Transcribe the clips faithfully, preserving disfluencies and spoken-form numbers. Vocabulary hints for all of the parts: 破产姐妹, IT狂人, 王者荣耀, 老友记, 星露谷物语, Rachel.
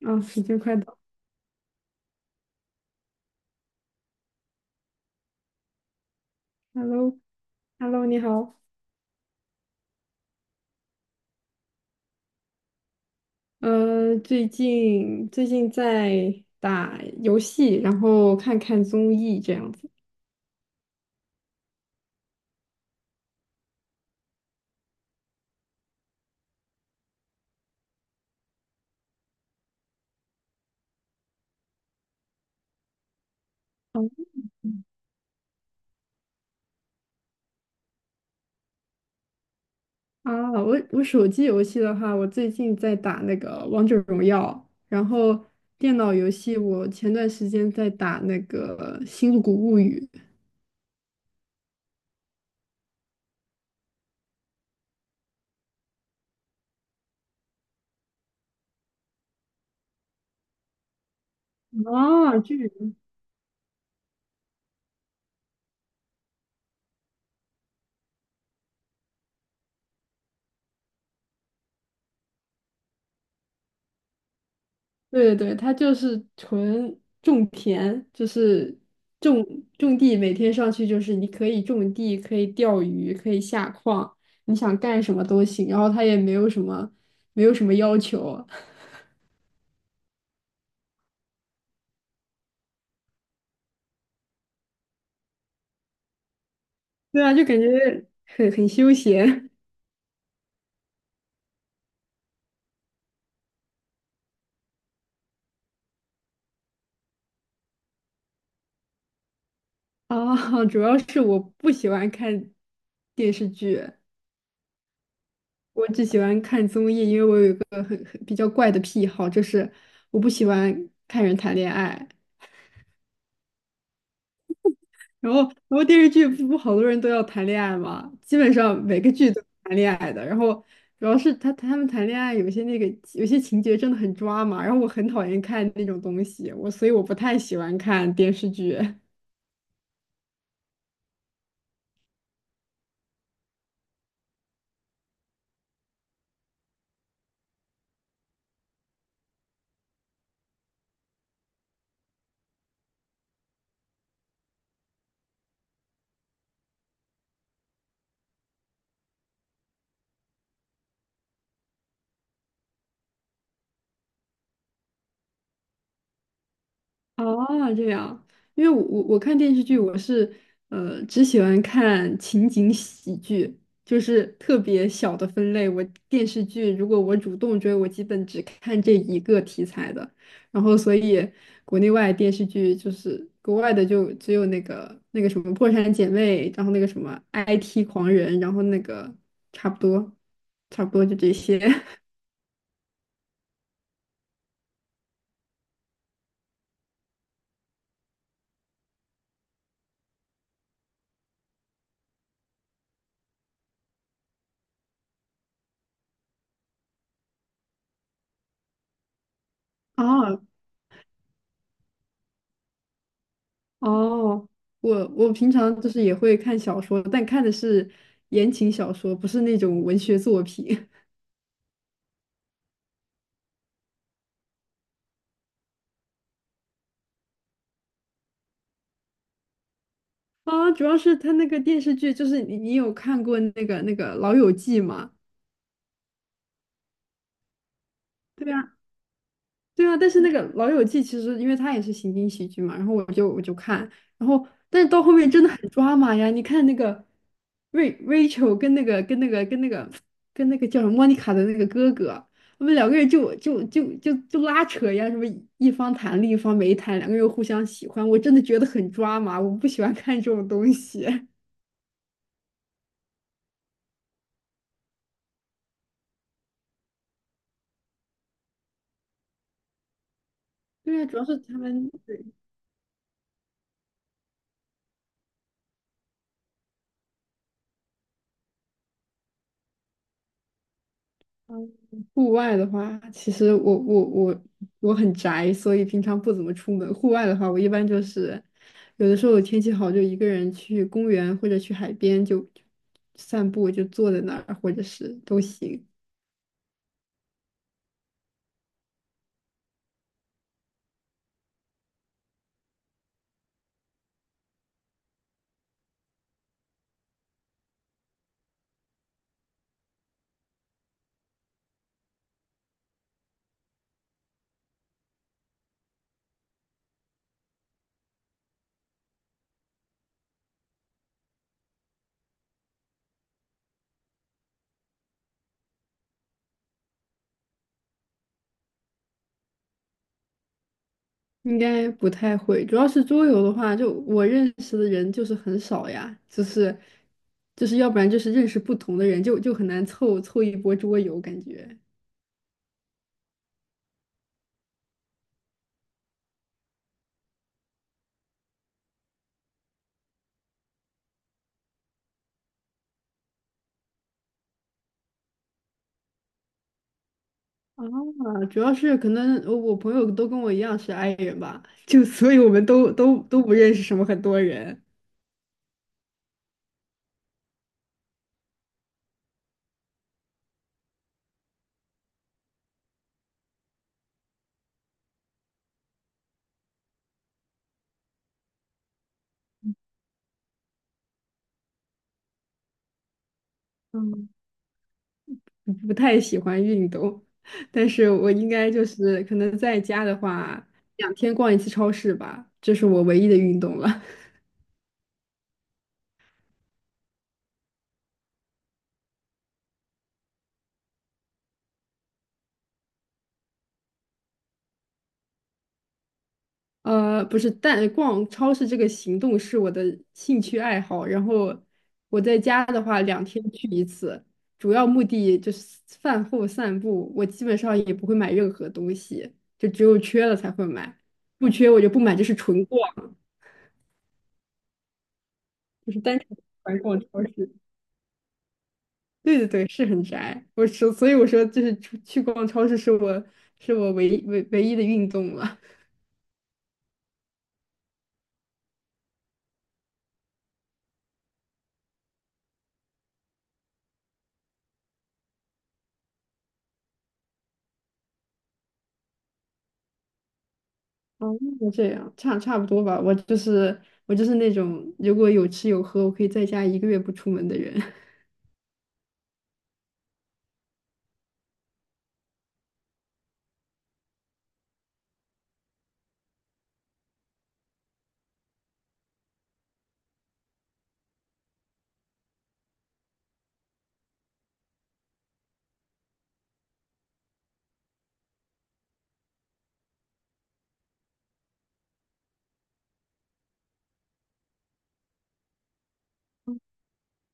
啊，时间快到，Hello，Hello，你好。呃，最近最近在打游戏，然后看看综艺这样子。嗯啊，我我手机游戏的话，我最近在打那个王者荣耀，然后电脑游戏我前段时间在打那个《星露谷物语》。啊，哦，这对对，对，他就是纯种田，就是种种地，每天上去就是你可以种地，可以钓鱼，可以下矿，你想干什么都行。然后他也没有什么没有什么要求。对啊，就感觉很很休闲。 啊。主要是我不喜欢看电视剧，我只喜欢看综艺，因为我有一个很很比较怪的癖好，就是我不喜欢看人谈恋爱。然后，然后电视剧不不好多人都要谈恋爱嘛，基本上每个剧都谈恋爱的。然后主要是他他们谈恋爱有些那个有些情节真的很抓马，然后我很讨厌看那种东西，我所以我不太喜欢看电视剧。哦，这样。因为我我我看电视剧，我是呃只喜欢看情景喜剧，就是特别小的分类。我电视剧如果我主动追，我基本只看这一个题材的。然后所以国内外电视剧就是国外的就只有那个那个什么《破产姐妹》，然后那个什么《I T 狂人》，然后那个差不多差不多就这些。啊。哦，我我平常就是也会看小说，但看的是言情小说，不是那种文学作品。 啊。主要是他那个电视剧，就是你你有看过那个那个《老友记》吗？对啊。对啊，但是那个《老友记》其实因为它也是情景喜剧嘛，然后我就我就看，然后但是到后面真的很抓马呀！你看那个瑞 Rachel 跟那个跟那个跟那个跟那个叫什么莫妮卡的那个哥哥，他们两个人就就就就就拉扯呀，什么一方谈另一方没谈，两个人又互相喜欢，我真的觉得很抓马，我不喜欢看这种东西。对啊，主要是他们。嗯户外的话，其实我我我我很宅，所以平常不怎么出门。户外的话，我一般就是有的时候天气好，就一个人去公园或者去海边就就散步，就坐在那儿，或者是都行。应该不太会，主要是桌游的话，就我认识的人就是很少呀，就是就是要不然就是认识不同的人，就就很难凑凑一波桌游感觉。啊，主要是可能我我朋友都跟我一样是 i 人吧，就所以我们都都都不认识什么很多人。嗯，不不太喜欢运动。但是我应该就是可能在家的话，两天逛一次超市吧，这是我唯一的运动了。呃，不是，但逛超市这个行动是我的兴趣爱好。然后我在家的话，两天去一次，主要目的就是饭后散步。我基本上也不会买任何东西，就只有缺了才会买，不缺我就不买，就是纯逛，就是单纯纯逛超市。对对对，是很宅。我说，所以我说，就是出去逛超市是我是我唯一唯唯一的运动了。哦，那这样差差不多吧。我就是我就是那种如果有吃有喝，我可以在家一个月不出门的人。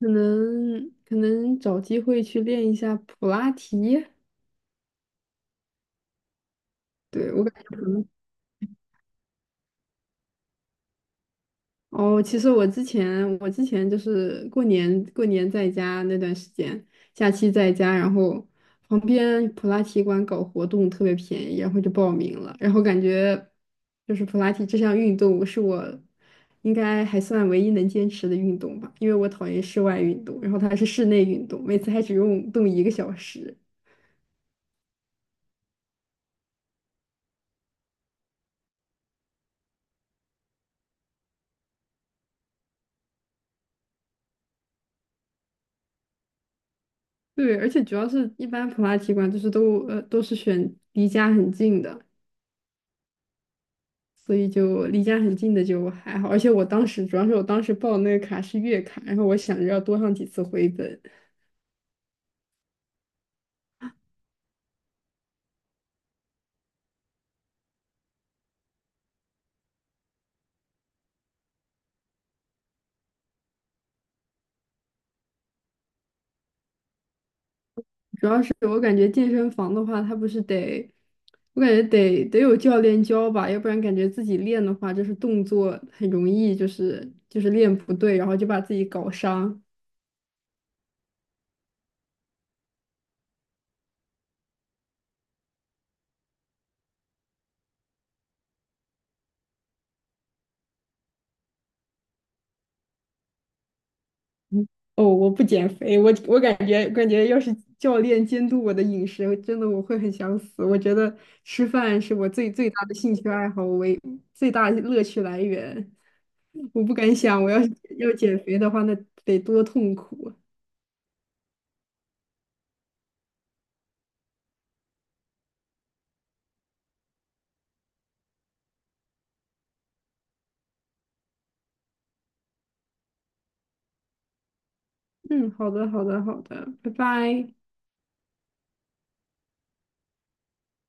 可能可能找机会去练一下普拉提。对，我感觉可能。哦，其实我之前我之前就是过年过年在家那段时间，假期在家，然后旁边普拉提馆搞活动特别便宜，然后就报名了，然后感觉就是普拉提这项运动是我应该还算唯一能坚持的运动吧，因为我讨厌室外运动，然后它是室内运动，每次还只用动一个小时。对，而且主要是一般普拉提馆就是都呃都是选离家很近的，所以就离家很近的就还好，而且我当时主要是我当时报的那个卡是月卡，然后我想着要多上几次回本。主要是我感觉健身房的话，它不是得，我感觉得得有教练教吧，要不然感觉自己练的话，就是动作很容易就是就是练不对，然后就把自己搞伤。嗯哦，我不减肥，我我感觉感觉要是教练监督我的饮食，我真的我会很想死。我觉得吃饭是我最最大的兴趣爱好，为最大的乐趣来源。我不敢想，我要是要减肥的话，那得多痛苦。嗯，好的，好的，好的，拜拜。